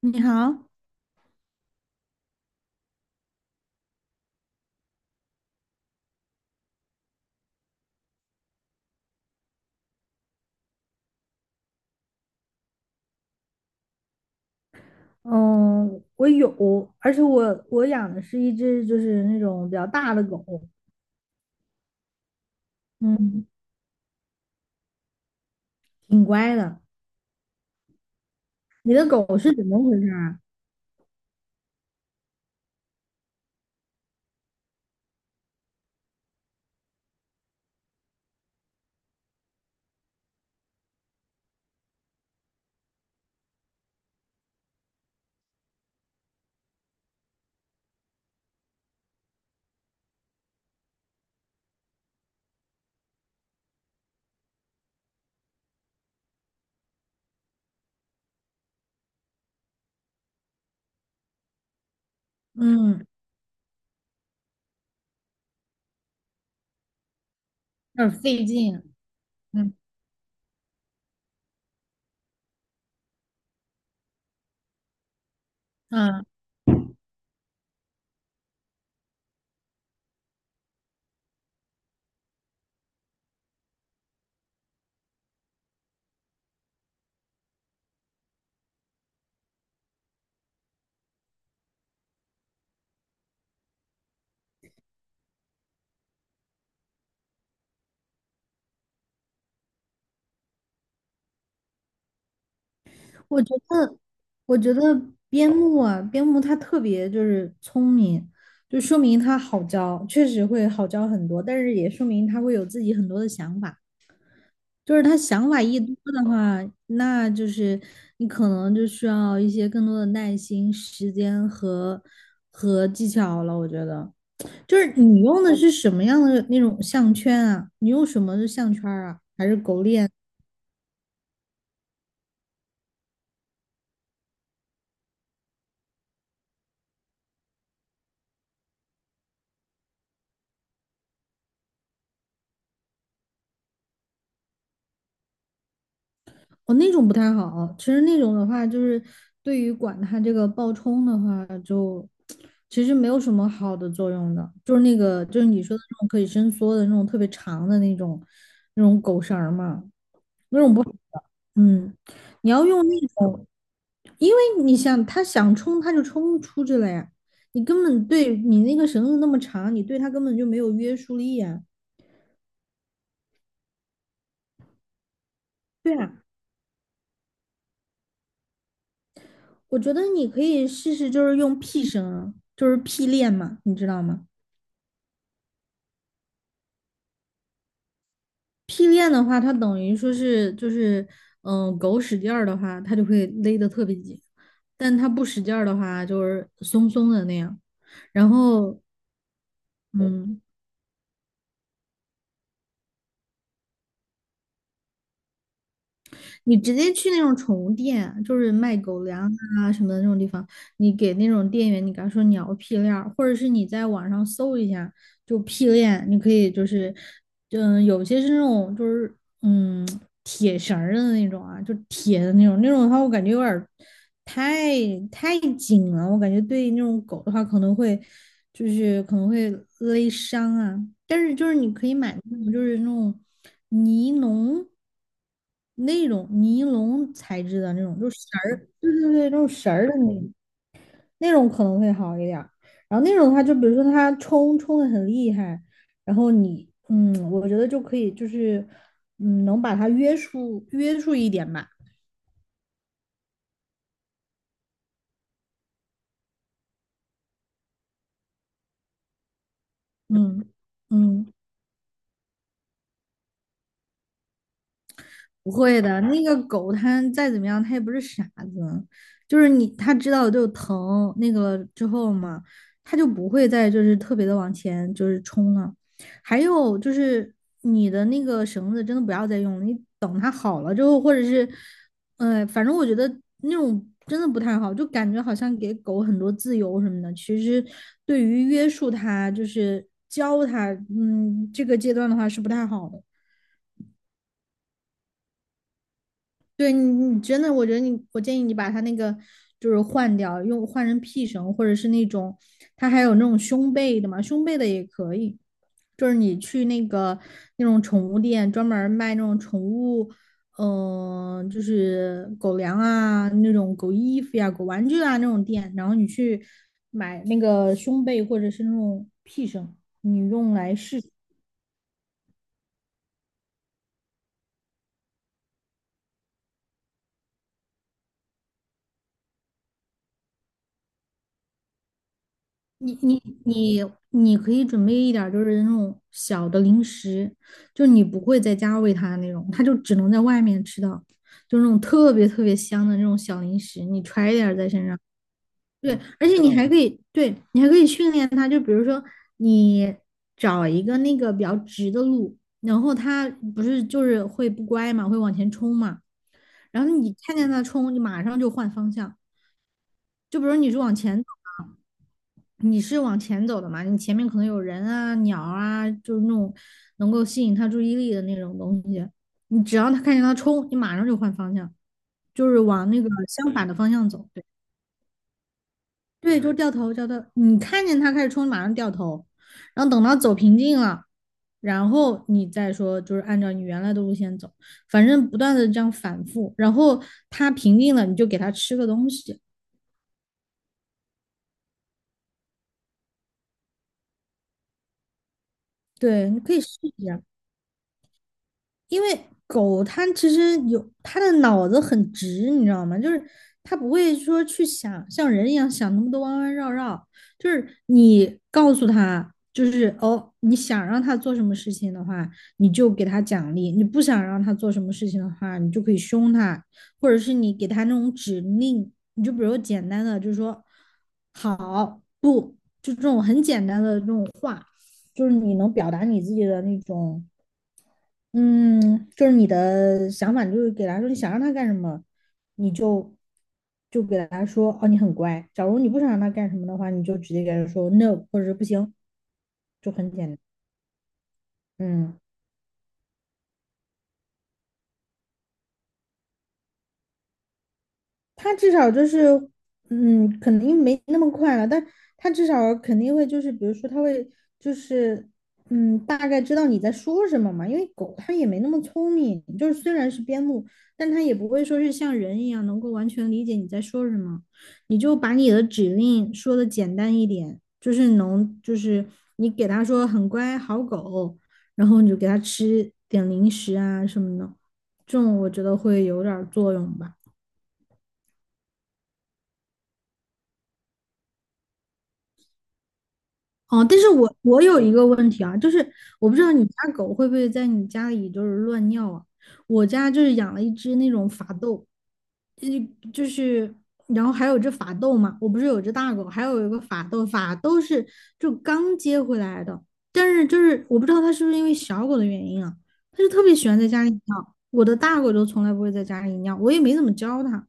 你好，嗯，我有，而且我养的是一只就是那种比较大的狗，嗯，挺乖的。你的狗是怎么回事啊？嗯，有点费劲，嗯啊，我觉得，我觉得边牧啊，边牧它特别就是聪明，就说明它好教，确实会好教很多，但是也说明它会有自己很多的想法。就是他想法一多的话，那就是你可能就需要一些更多的耐心、时间和技巧了。我觉得，就是你用的是什么样的那种项圈啊？你用什么的项圈儿啊？还是狗链？哦，那种不太好。其实那种的话，就是对于管它这个爆冲的话，就其实没有什么好的作用的。就是那个，就是你说的那种可以伸缩的那种特别长的那种狗绳儿嘛。嗯，你要用那种，因为你想他想冲他就冲出去了呀，你根本对你那个绳子那么长，你对它根本就没有约束力呀。对啊，我觉得你可以试试，就是用 P 绳啊就是 P 链嘛，你知道吗？P 链的话，它等于说是就是嗯，狗使劲儿的话，它就会勒得特别紧，但它不使劲儿的话，就是松松的那样。然后嗯，你直接去那种宠物店，就是卖狗粮啊什么的那种地方，你给那种店员，你跟他说你要屁链儿，或者是你在网上搜一下，就屁链，你可以就是，嗯，有些是那种就是。嗯，铁绳儿的那种啊，就铁的那种，那种的话我感觉有点儿太太紧了，我感觉对那种狗的话可能会就是可能会勒伤啊。但是就是你可以买那种就是那种尼龙那种尼龙材质的那种，就是绳儿，对对对，那种绳儿的那种。那种可能会好一点然后那种的话，就比如说他冲的很厉害，然后你，嗯，我觉得就可以，就是，嗯，能把它约束约束一点吧。嗯嗯。不会的，那个狗它再怎么样，它也不是傻子，就是你它知道就疼那个之后嘛，它就不会再就是特别的往前就是冲了。还有就是你的那个绳子真的不要再用了，你等它好了之后，或者是，反正我觉得那种真的不太好，就感觉好像给狗很多自由什么的，其实对于约束它，就是教它，嗯，这个阶段的话是不太好的。对你，你真的，我觉得你，我建议你把它那个就是换掉，用换成屁绳，或者是那种，它还有那种胸背的嘛，胸背的也可以。就是你去那个那种宠物店，专门儿卖那种宠物，嗯、就是狗粮啊，那种狗衣服呀、狗玩具啊那种店，然后你去买那个胸背或者是那种屁绳，你用来试。你你可以准备一点儿，就是那种小的零食，就是你不会在家喂它的那种，它就只能在外面吃到，就是那种特别特别香的那种小零食，你揣一点儿在身上。对，而且你还可以，对，你还可以训练它，就比如说你找一个那个比较直的路，然后它不是就是会不乖嘛，会往前冲嘛，然后你看见它冲，你马上就换方向，就比如你是往前走。你是往前走的嘛，你前面可能有人啊、鸟啊，就是那种能够吸引他注意力的那种东西。你只要他看见他冲，你马上就换方向，就是往那个相反的方向走。对对，就掉头。你看见他开始冲，马上掉头，然后等到走平静了，然后你再说，就是按照你原来的路线走，反正不断的这样反复。然后他平静了，你就给他吃个东西。对，你可以试一下。因为狗它其实有它的脑子很直，你知道吗？就是它不会说去想像人一样想那么多弯弯绕绕。就是你告诉它，就是哦，你想让它做什么事情的话，你就给它奖励；你不想让它做什么事情的话，你就可以凶它，或者是你给它那种指令。你就比如简单的，就是说好不，就这种很简单的这种话，就是你能表达你自己的那种。嗯，就是你的想法，就是给他说你想让他干什么，你就给他说哦，你很乖。假如你不想让他干什么的话，你就直接给他说 no 或者是不行，就很简单。嗯。他至少就是，嗯，肯定没那么快了，但他至少肯定会就是，比如说他会就是，嗯，大概知道你在说什么嘛，因为狗它也没那么聪明，就是虽然是边牧，但它也不会说是像人一样能够完全理解你在说什么，你就把你的指令说的简单一点，就是能就是你给它说很乖好狗，然后你就给它吃点零食啊什么的，这种我觉得会有点儿作用吧。哦，但是我有一个问题啊，就是我不知道你家狗会不会在你家里就是乱尿啊？我家就是养了一只那种法斗，呃，就是然后还有只法斗嘛，我不是有只大狗，还有一个法斗，法斗是就刚接回来的，但是就是我不知道它是不是因为小狗的原因啊，它就特别喜欢在家里尿，我的大狗就从来不会在家里尿，我也没怎么教它。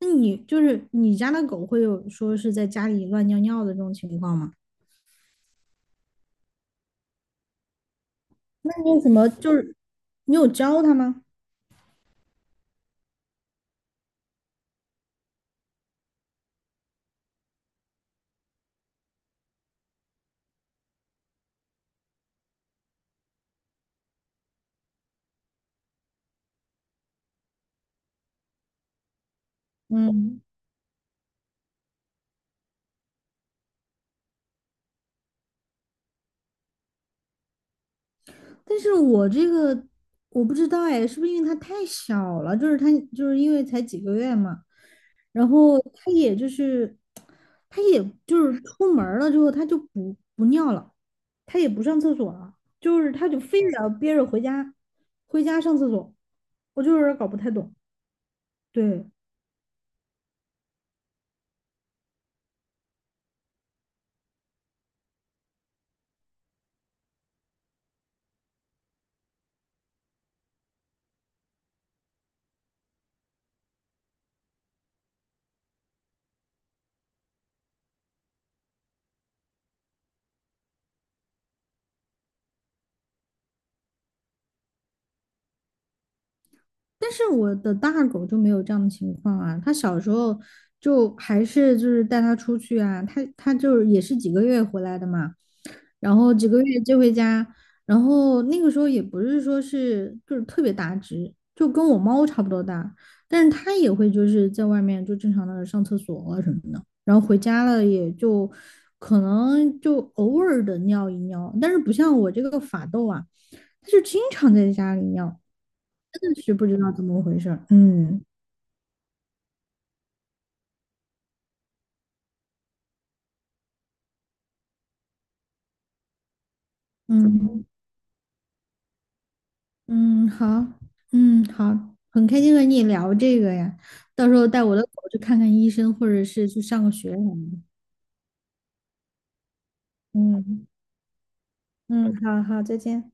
那你就是你家的狗会有说是在家里乱尿尿的这种情况吗？那你有什么就是你有教他吗？嗯，但是我这个我不知道哎，是不是因为他太小了？就是他就是因为才几个月嘛，然后他也就是他也就是出门儿了之后他就不尿了，他也不上厕所了，就是他就非得要憋着回家上厕所，我就是有点儿搞不太懂。对，但是我的大狗就没有这样的情况啊，它小时候就还是就是带它出去啊，它就是也是几个月回来的嘛，然后几个月接回家，然后那个时候也不是说是就是特别大只，就跟我猫差不多大，但是它也会就是在外面就正常的上厕所啊什么的，然后回家了也就可能就偶尔的尿一尿，但是不像我这个法斗啊，它就经常在家里尿。真的是不知道怎么回事儿。嗯嗯嗯，好，嗯好，很开心和你聊这个呀。到时候带我的狗去看看医生，或者是去上个学什么的。嗯嗯，好好，再见。